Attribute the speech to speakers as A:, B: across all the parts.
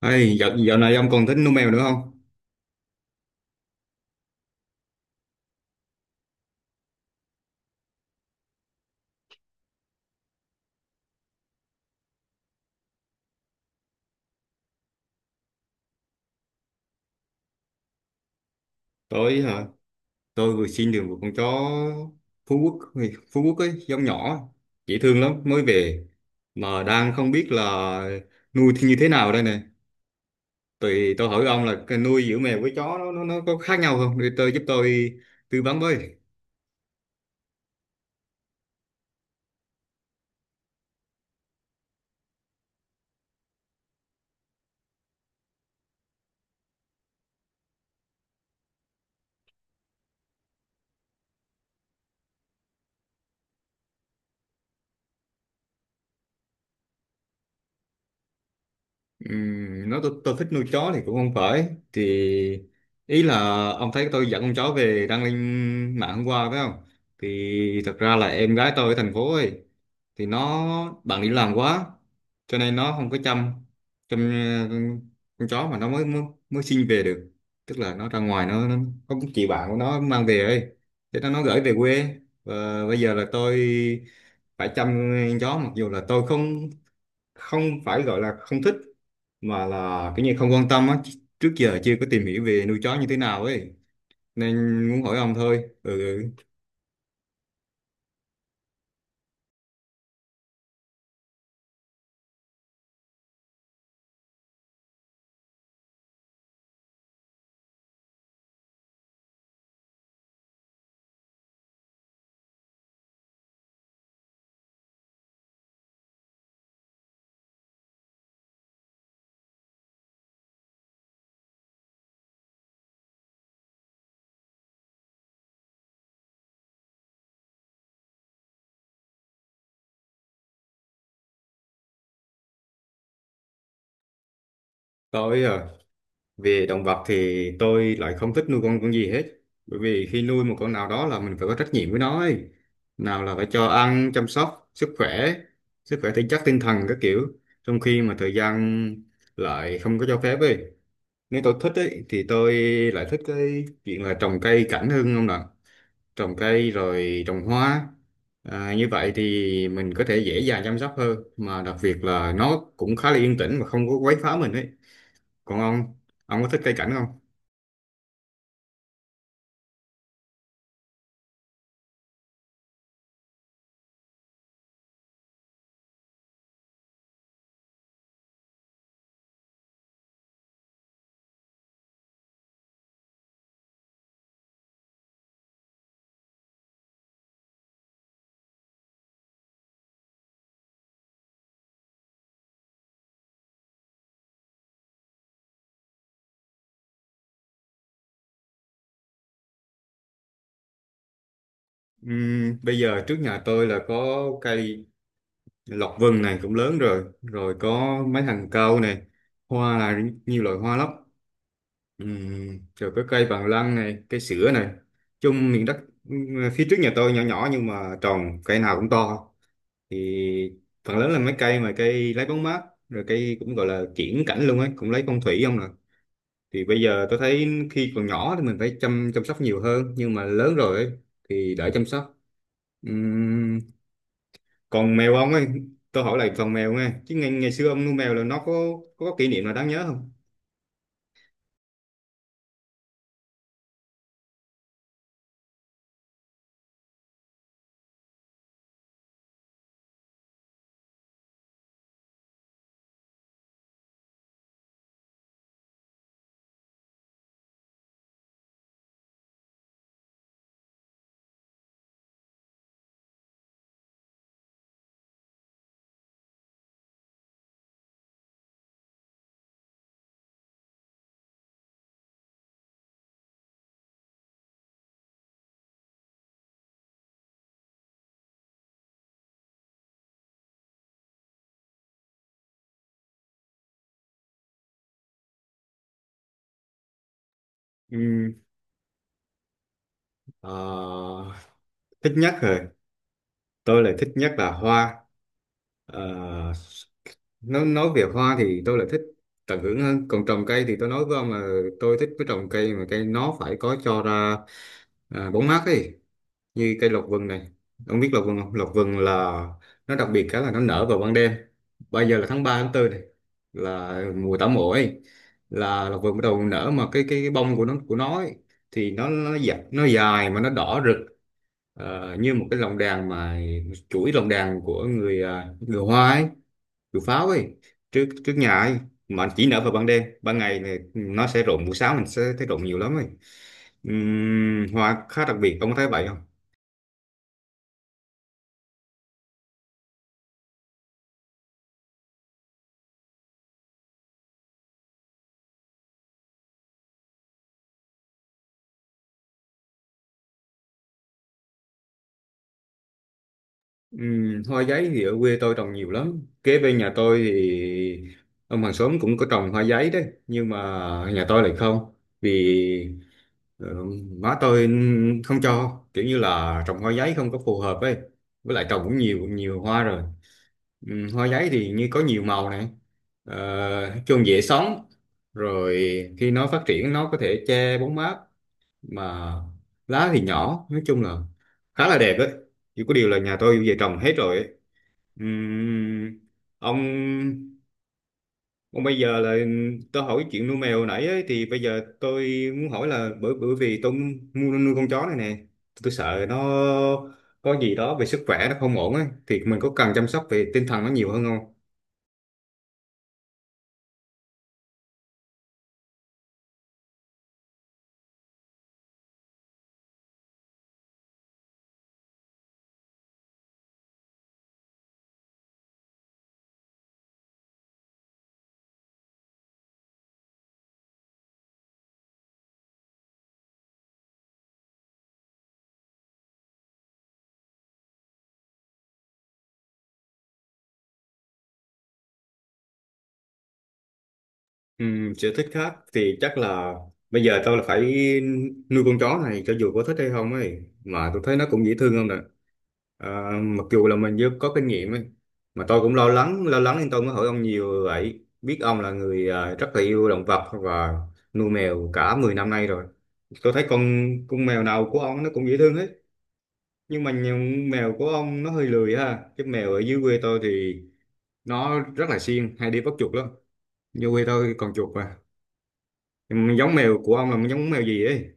A: Ê, dạo này ông còn thích nuôi mèo nữa không? Tôi hả? Tôi vừa xin được một con chó Phú Quốc, Phú Quốc ấy, giống nhỏ, dễ thương lắm, mới về. Mà đang không biết là nuôi thì như thế nào đây này. Thì tôi hỏi ông là cái nuôi giữa mèo với chó nó có khác nhau không? Để tôi giúp tôi tư vấn với. Nói tôi thích nuôi chó thì cũng không phải thì ý là ông thấy tôi dẫn con chó về đăng lên mạng hôm qua phải không, thì thật ra là em gái tôi ở thành phố ấy, thì nó bận đi làm quá cho nên nó không có chăm chăm con chó mà nó mới mới, mới sinh về được, tức là nó ra ngoài nó có một chị bạn của nó mang về ấy, thế nó gửi về quê và bây giờ là tôi phải chăm con chó, mặc dù là tôi không, không phải gọi là không thích mà là cái như không quan tâm á, trước giờ chưa có tìm hiểu về nuôi chó như thế nào ấy, nên muốn hỏi ông thôi. Ừ. Tôi à, về động vật thì tôi lại không thích nuôi con gì hết, bởi vì khi nuôi một con nào đó là mình phải có trách nhiệm với nó ấy, nào là phải cho ăn, chăm sóc sức khỏe, sức khỏe thể chất tinh thần các kiểu, trong khi mà thời gian lại không có cho phép ấy. Nếu tôi thích ấy thì tôi lại thích cái chuyện là trồng cây cảnh hơn không ạ, trồng cây rồi trồng hoa. À, như vậy thì mình có thể dễ dàng chăm sóc hơn, mà đặc biệt là nó cũng khá là yên tĩnh và không có quấy phá mình ấy. Còn ông có thích cây cảnh không? Bây giờ trước nhà tôi là có cây lộc vừng này cũng lớn rồi, rồi có mấy hàng cau này, hoa là nhiều loại hoa lắm. Rồi có cây bằng lăng này, cây sữa này, chung miền đất, phía trước nhà tôi nhỏ nhỏ nhưng mà trồng cây nào cũng to. Thì phần lớn là mấy cây mà cây lấy bóng mát, rồi cây cũng gọi là kiểng cảnh luôn ấy, cũng lấy phong thủy không nè. Thì bây giờ tôi thấy khi còn nhỏ thì mình phải chăm chăm sóc nhiều hơn, nhưng mà lớn rồi ấy, thì đỡ chăm sóc. Ừm, còn mèo ông ấy, tôi hỏi lại phần mèo nghe chứ, ngày xưa ông nuôi mèo là nó có kỷ niệm nào đáng nhớ không? Ừm, ờ, thích nhất rồi, tôi lại thích nhất là hoa. Ờ, nói về hoa thì tôi lại thích tận hưởng hơn, còn trồng cây thì tôi nói với ông là tôi thích cái trồng cây mà cây nó phải có cho ra à, bóng mát ấy, như cây lộc vừng này. Ông biết lộc vừng không? Lộc vừng là nó đặc biệt cái là nó nở vào ban đêm. Bây giờ là tháng 3 tháng tư này là mùa tảo mộ ấy, là lộc vừng bắt đầu nở, mà cái bông của nó ấy, thì nó dài, nó dài mà nó đỏ rực. Ờ, như một cái lồng đèn, mà chuỗi lồng đèn của người à, người Hoa ấy, chuột pháo ấy, trước trước nhà ấy, mà chỉ nở vào ban đêm. Ban ngày này nó sẽ rụng, buổi sáng mình sẽ thấy rụng nhiều lắm ấy. Hoa khá đặc biệt, ông có thấy vậy không? Hoa giấy thì ở quê tôi trồng nhiều lắm, kế bên nhà tôi thì ông hàng xóm cũng có trồng hoa giấy đấy, nhưng mà nhà tôi lại không. Vì ờ, má tôi không cho, kiểu như là trồng hoa giấy không có phù hợp ấy, với lại trồng cũng nhiều nhiều hoa rồi. Ừ, hoa giấy thì như có nhiều màu này, ờ, chung dễ sống, rồi khi nó phát triển nó có thể che bóng mát, mà lá thì nhỏ, nói chung là khá là đẹp ấy. Chỉ có điều là nhà tôi về trồng hết rồi ấy. Ừm, ông, còn bây giờ là tôi hỏi chuyện nuôi mèo nãy ấy, thì bây giờ tôi muốn hỏi là bởi bởi vì tôi mua nuôi con chó này nè, tôi sợ nó có gì đó về sức khỏe nó không ổn ấy, thì mình có cần chăm sóc về tinh thần nó nhiều hơn không? Sở thích khác thì chắc là bây giờ tôi là phải nuôi con chó này cho dù có thích hay không ấy, mà tôi thấy nó cũng dễ thương không nè. Ờ, mặc dù là mình chưa có kinh nghiệm ấy, mà tôi cũng lo lắng nên tôi mới hỏi ông nhiều vậy, biết ông là người ờ, rất là yêu động vật và nuôi mèo cả 10 năm nay rồi. Tôi thấy con mèo nào của ông nó cũng dễ thương hết, nhưng mà nhiều- mèo của ông nó hơi lười ha, cái mèo ở dưới quê tôi thì nó rất là siêng, hay đi bắt chuột lắm, dưới quê tôi còn chuột mà. Nhưng mà giống mèo của ông là giống mèo gì ấy?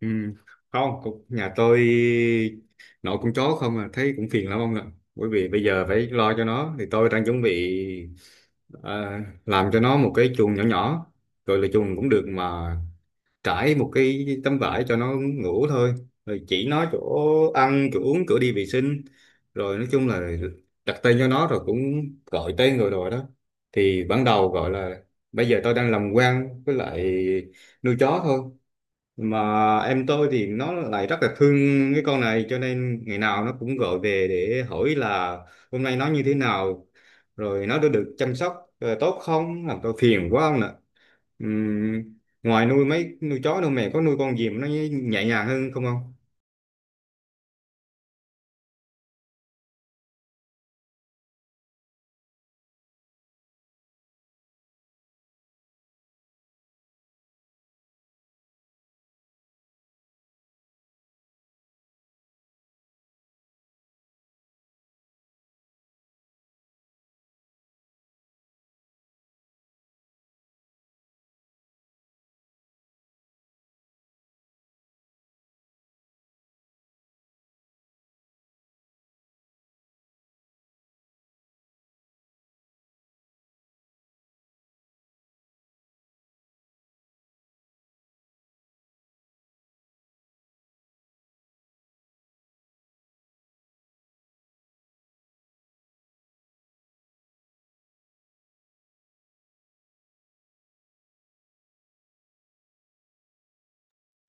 A: Ừ. Không, cũng- nhà tôi nội con chó không à, thấy cũng phiền lắm ông ạ. Bởi vì bây giờ phải lo cho nó, thì tôi đang chuẩn bị à, làm cho nó một cái chuồng nhỏ nhỏ. Rồi là chuồng cũng được, mà trải một cái tấm vải cho nó ngủ thôi. Rồi chỉ nó chỗ ăn, chỗ uống, chỗ đi vệ sinh. Rồi nói chung là đặt tên cho nó, rồi cũng gọi tên rồi rồi đó. Thì ban đầu gọi là bây giờ tôi đang làm quen với lại nuôi chó thôi, mà em tôi thì nó lại rất là thương cái con này, cho nên ngày nào nó cũng gọi về để hỏi là hôm nay nó như thế nào, rồi nó đã được chăm sóc ờ, tốt không, làm tôi phiền quá không ạ. Ngoài nuôi nuôi chó đâu mẹ có nuôi con gì mà nó nhẹ nhàng hơn không không?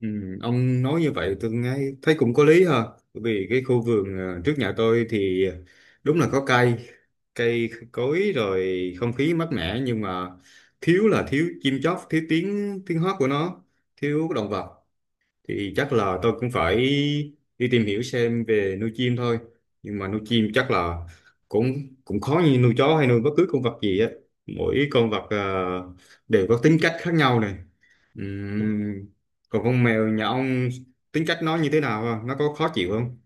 A: Ừ, ông nói như vậy tôi nghe thấy cũng có lý ha, bởi vì cái khu vườn ờ, trước nhà tôi thì ờ, đúng là có cây cây cối, rồi không khí mát mẻ, nhưng mà thiếu là thiếu chim chóc, thiếu tiếng tiếng hót của nó, thiếu động vật. Thì chắc là tôi cũng phải đi tìm hiểu xem về nuôi chim thôi, nhưng mà nuôi chim chắc là cũng cũng khó như nuôi chó hay nuôi bất cứ con vật gì á, mỗi con vật ờ, đều có tính cách khác nhau này. Ừm, Còn con mèo nhà ông tính cách nó như thế nào không? Nó có khó chịu không?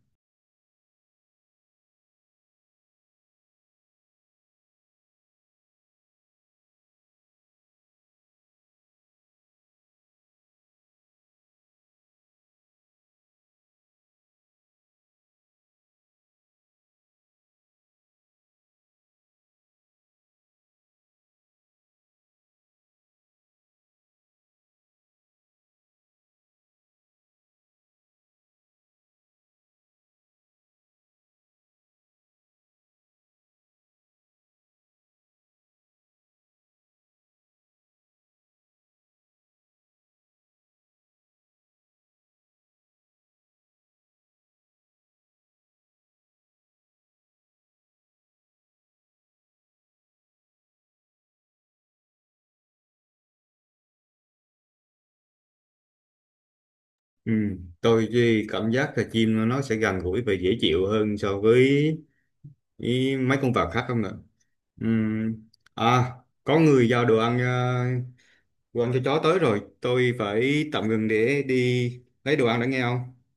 A: Tôi thì cảm giác là chim nó sẽ gần gũi và dễ chịu hơn so với ý, mấy con vật khác không ạ? Ừm, À, có người giao đồ ăn ờ, đồ ăn cho chó tới rồi. Tôi phải tạm ngừng để đi lấy đồ ăn đã nghe không?